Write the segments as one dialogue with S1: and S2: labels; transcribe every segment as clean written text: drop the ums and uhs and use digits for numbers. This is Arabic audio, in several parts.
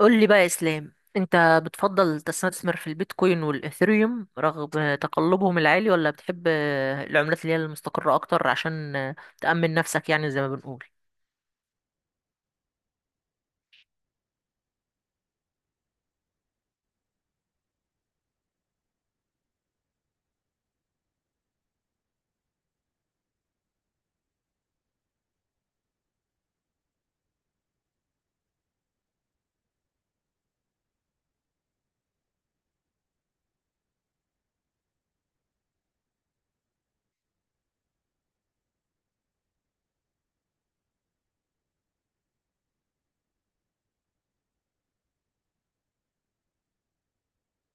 S1: قول لي بقى يا اسلام، انت بتفضل تستثمر في البيتكوين والاثيريوم رغم تقلبهم العالي، ولا بتحب العملات اللي هي المستقرة اكتر عشان تأمن نفسك؟ يعني زي ما بنقول.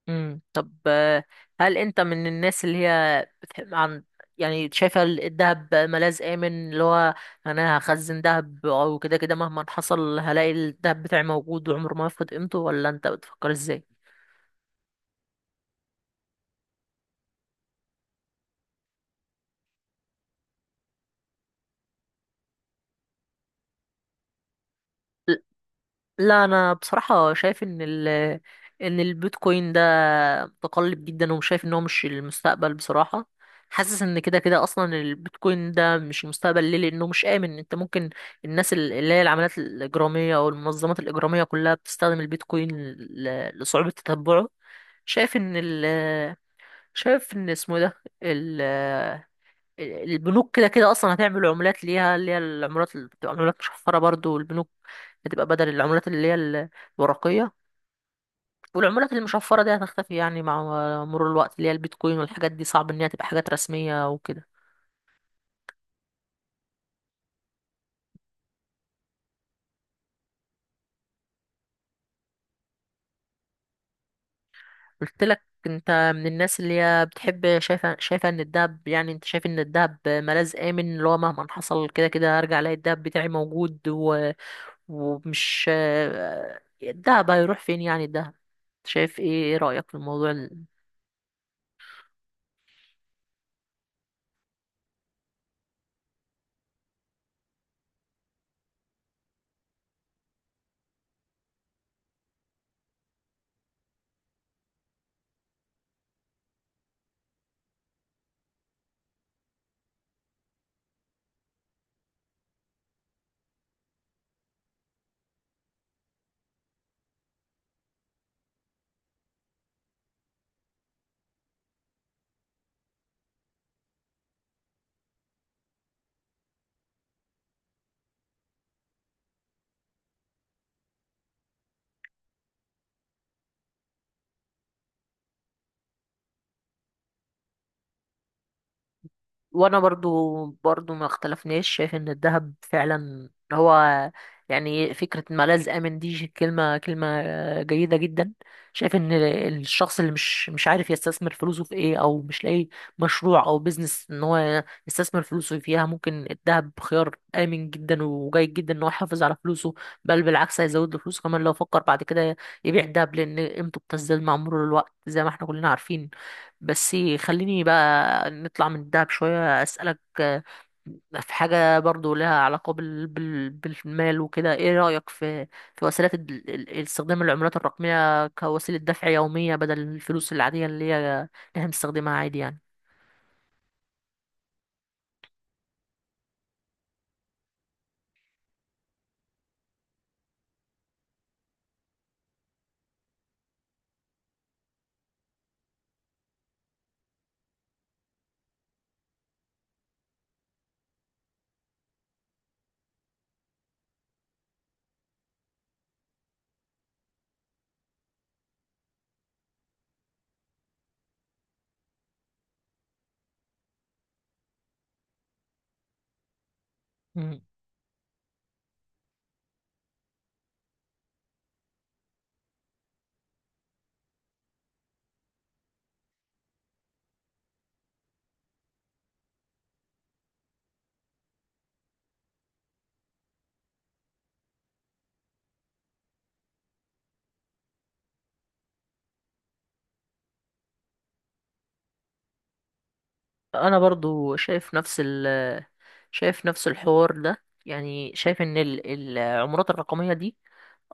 S1: طب هل انت من الناس اللي هي بتحب عن، يعني شايفة الدهب ملاذ آمن؟ اللي هو انا هخزن دهب او كده، كده مهما حصل هلاقي الدهب بتاعي موجود وعمره ما يفقد قيمته، ولا انت بتفكر ازاي؟ لا انا بصراحه شايف ان ان البيتكوين ده متقلب جدا، ومش شايف ان هو مش المستقبل بصراحه. حاسس ان كده كده اصلا البيتكوين ده مش المستقبل. ليه؟ لانه مش امن. انت ممكن، الناس اللي هي العمليات الاجراميه او المنظمات الاجراميه كلها بتستخدم البيتكوين لصعوبه تتبعه. شايف ان ال شايف ان اسمه إيه ده، البنوك كده كده اصلا هتعمل عملات ليها اللي هي العملات اللي بتبقى عملات مشفره برضو، البنوك هتبقى بدل العملات اللي هي الورقيه، والعملات المشفره دي هتختفي يعني مع مرور الوقت. اللي هي البيتكوين والحاجات دي صعب ان هي تبقى حاجات رسميه وكده. قلت لك انت من الناس اللي هي بتحب، شايفه ان الدهب، يعني انت شايف ان الدهب ملاذ امن اللي هو مهما حصل كده كده هرجع الاقي الدهب بتاعي موجود ومش، الدهب هيروح فين؟ يعني الدهب شايف ايه؟ ايه رأيك في الموضوع؟ وانا برضو ما اختلفناش، شايف ان الذهب فعلا هو، يعني فكرة ملاذ آمن دي كلمة جيدة جدا. شايف ان الشخص اللي مش عارف يستثمر فلوسه في ايه او مش لاقي مشروع او بيزنس ان هو يستثمر فلوسه فيها، ممكن الذهب خيار آمن جدا وجيد جدا ان هو يحافظ على فلوسه. بل بالعكس، هيزود له فلوسه كمان لو فكر بعد كده يبيع الذهب، لان قيمته بتزداد مع مرور الوقت زي ما احنا كلنا عارفين. بس خليني بقى نطلع من الدهب شوية، أسألك في حاجة برضو لها علاقة بالمال وكده. ايه رأيك في، في وسيلة استخدام العملات الرقمية كوسيلة دفع يومية بدل الفلوس العادية اللي هي اللي احنا بنستخدمها عادي يعني؟ مم. انا برضو شايف نفس شايف نفس الحوار ده، يعني شايف ان العملات الرقمية دي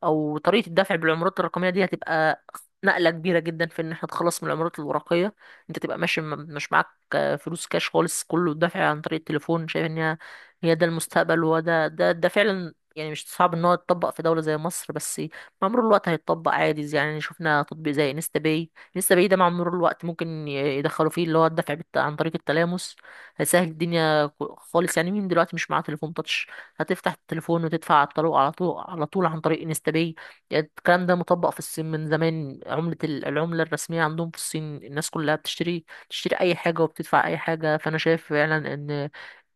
S1: او طريقه الدفع بالعملات الرقميه دي هتبقى نقله كبيره جدا في ان احنا نتخلص من العملات الورقيه. انت تبقى ماشي مش معاك فلوس كاش خالص، كله دفع عن طريق التليفون. شايف ان هي، هي ده المستقبل، وهو ده ده فعلا. يعني مش صعب ان هو يتطبق في دوله زي مصر، بس مع مرور الوقت هيتطبق عادي. يعني شفنا تطبيق زي انستا باي، انستا باي ده مع مرور الوقت ممكن يدخلوا فيه اللي هو الدفع عن طريق التلامس، هيسهل الدنيا خالص. يعني مين دلوقتي مش معاه تليفون تاتش؟ هتفتح التليفون وتدفع على طول، على طول على طول عن طريق انستا باي. يعني الكلام ده مطبق في الصين من زمان، عملة العملة الرسمية عندهم في الصين، الناس كلها بتشتري، تشتري أي حاجة وبتدفع أي حاجة. فأنا شايف فعلا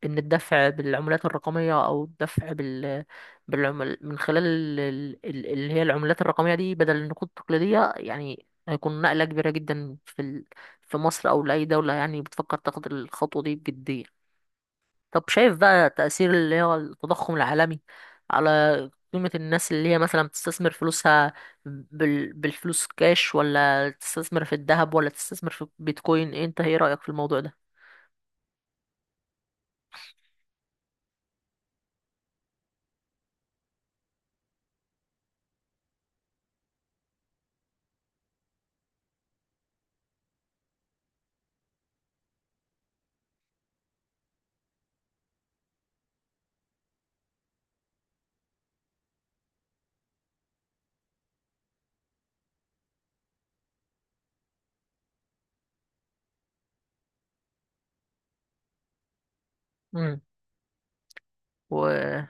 S1: ان الدفع بالعملات الرقميه او الدفع بالعمل من خلال اللي هي العملات الرقميه دي بدل النقود التقليديه، يعني هيكون نقله كبيره جدا في في مصر او لاي دوله يعني بتفكر تاخد الخطوه دي بجديه. طب شايف بقى تأثير اللي هو التضخم العالمي على قيمة الناس اللي هي مثلا بتستثمر فلوسها بالفلوس كاش، ولا تستثمر في الذهب، ولا تستثمر في بيتكوين إيه؟ انت ايه رأيك في الموضوع ده؟ مم.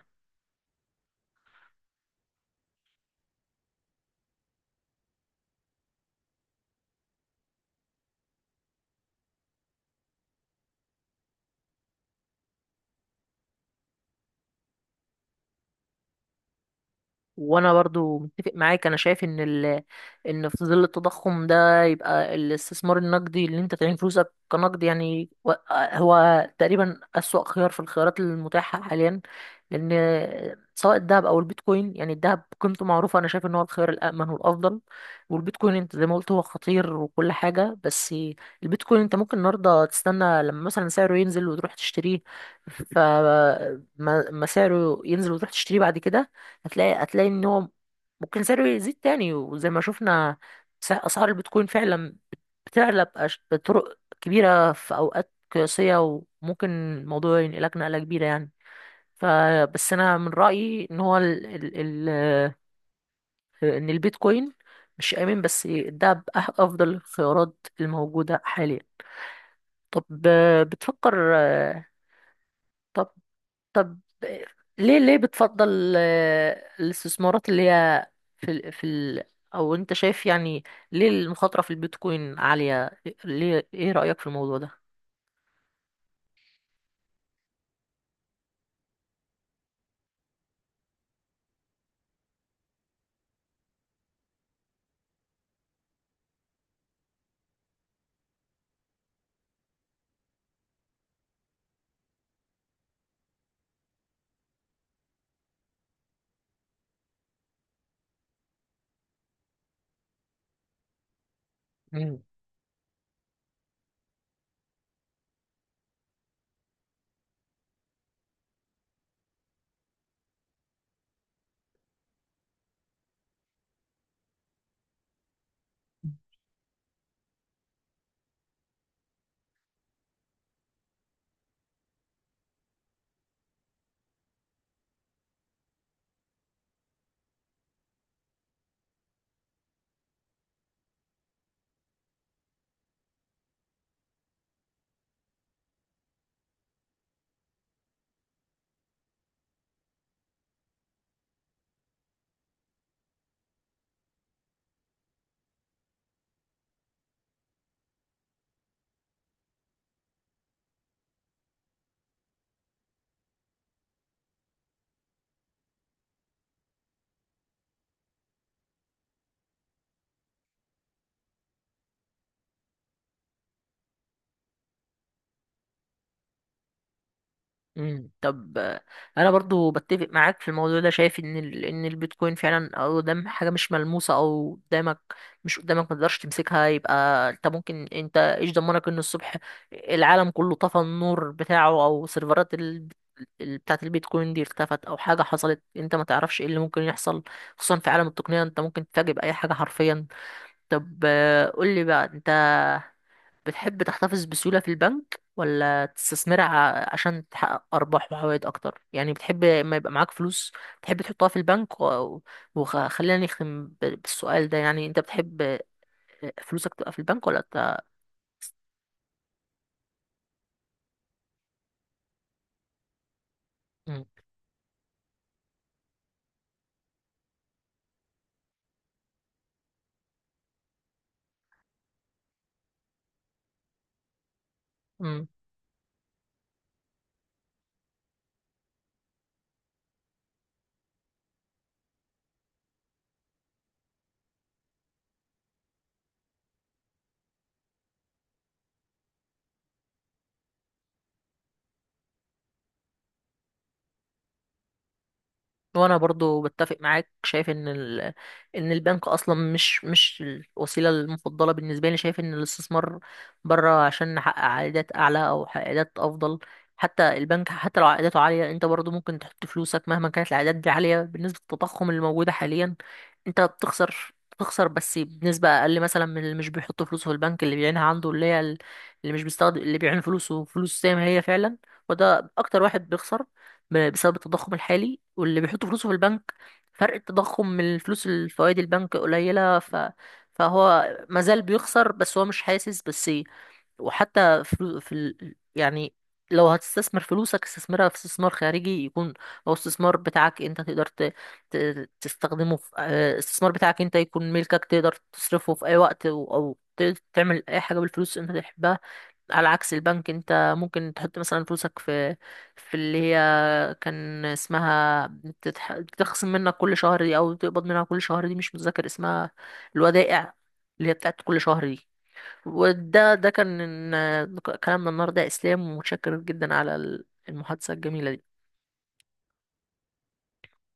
S1: وانا برضو متفق معاك، انا شايف ان ان في ظل التضخم ده يبقى الاستثمار النقدي اللي انت تعين فلوسك كنقد يعني، هو تقريبا اسوأ خيار في الخيارات المتاحة حاليا. لان سواء الذهب او البيتكوين، يعني الذهب قيمته معروفة، انا شايف ان هو الخيار الامن والافضل. والبيتكوين انت زي ما قلت هو خطير وكل حاجة، بس البيتكوين انت ممكن النهارده تستنى لما مثلا سعره ينزل وتروح تشتريه. ما سعره ينزل وتروح تشتريه بعد كده، هتلاقي ان هو ممكن سعره يزيد تاني. وزي ما شفنا اسعار البيتكوين فعلا بتعلى بطرق كبيرة في اوقات قياسية، وممكن الموضوع ينقلك نقلة كبيرة يعني. فبس انا من رأيي ان هو ال ال ال ان البيتكوين مش آمن، بس ده افضل الخيارات الموجودة حاليا. طب بتفكر آه، طب طب ليه، ليه بتفضل الاستثمارات اللي هي في ال في ال او انت شايف يعني ليه المخاطرة في البيتكوين عالية؟ ليه؟ ايه رأيك في الموضوع ده؟ مم. طب انا برضو بتفق معاك في الموضوع ده. شايف ان ان البيتكوين فعلا او قدام حاجه مش ملموسه، او قدامك، مش قدامك، ما تقدرش تمسكها، يبقى انت ممكن، انت ايش ضمنك ان الصبح العالم كله طفى النور بتاعه او سيرفرات بتاعه البيتكوين دي اختفت او حاجه حصلت؟ انت ما تعرفش ايه اللي ممكن يحصل، خصوصا في عالم التقنيه انت ممكن تتفاجئ باي حاجه حرفيا. طب قول لي بقى، انت بتحب تحتفظ بسيولة في البنك، ولا تستثمرها عشان تحقق أرباح وعوائد أكتر؟ يعني بتحب ما يبقى معاك فلوس تحب تحطها في البنك؟ وخلينا نختم بالسؤال ده، يعني أنت بتحب فلوسك تبقى في البنك ولا ت... وانا برضو بتفق معاك، شايف ان ان البنك اصلا مش الوسيله المفضله بالنسبه لي. شايف ان الاستثمار بره عشان نحقق عائدات اعلى او عائدات افضل. حتى البنك، حتى لو عائداته عاليه، انت برضو ممكن تحط فلوسك مهما كانت العائدات دي عاليه، بالنسبه للتضخم اللي موجوده حاليا انت بتخسر. بتخسر بنسبة أقل مثلا من اللي مش بيحط فلوسه في البنك، اللي بيعينها عنده، اللي هي اللي مش بيستخدم، اللي بيعين فلوسه فلوس زي ما هي فعلا، وده أكتر واحد بيخسر بسبب التضخم الحالي. واللي بيحط فلوسه في البنك، فرق التضخم من الفلوس الفوائد البنك قليلة، فهو مازال بيخسر بس هو مش حاسس بس. وحتى يعني لو هتستثمر فلوسك استثمرها في استثمار خارجي يكون، او استثمار بتاعك انت تقدر ت... تستخدمه في استثمار بتاعك انت يكون ملكك، تقدر تصرفه في اي وقت أو تعمل اي حاجة بالفلوس انت تحبها. على عكس البنك، انت ممكن تحط مثلا فلوسك في، في اللي هي كان اسمها بتخصم منك كل شهر دي، او بتقبض منها كل شهر دي، مش متذكر اسمها، الودائع، اللي هي بتاعت كل شهر دي. وده كان كلامنا النهارده يا اسلام، ومتشكر جدا على المحادثة الجميلة دي.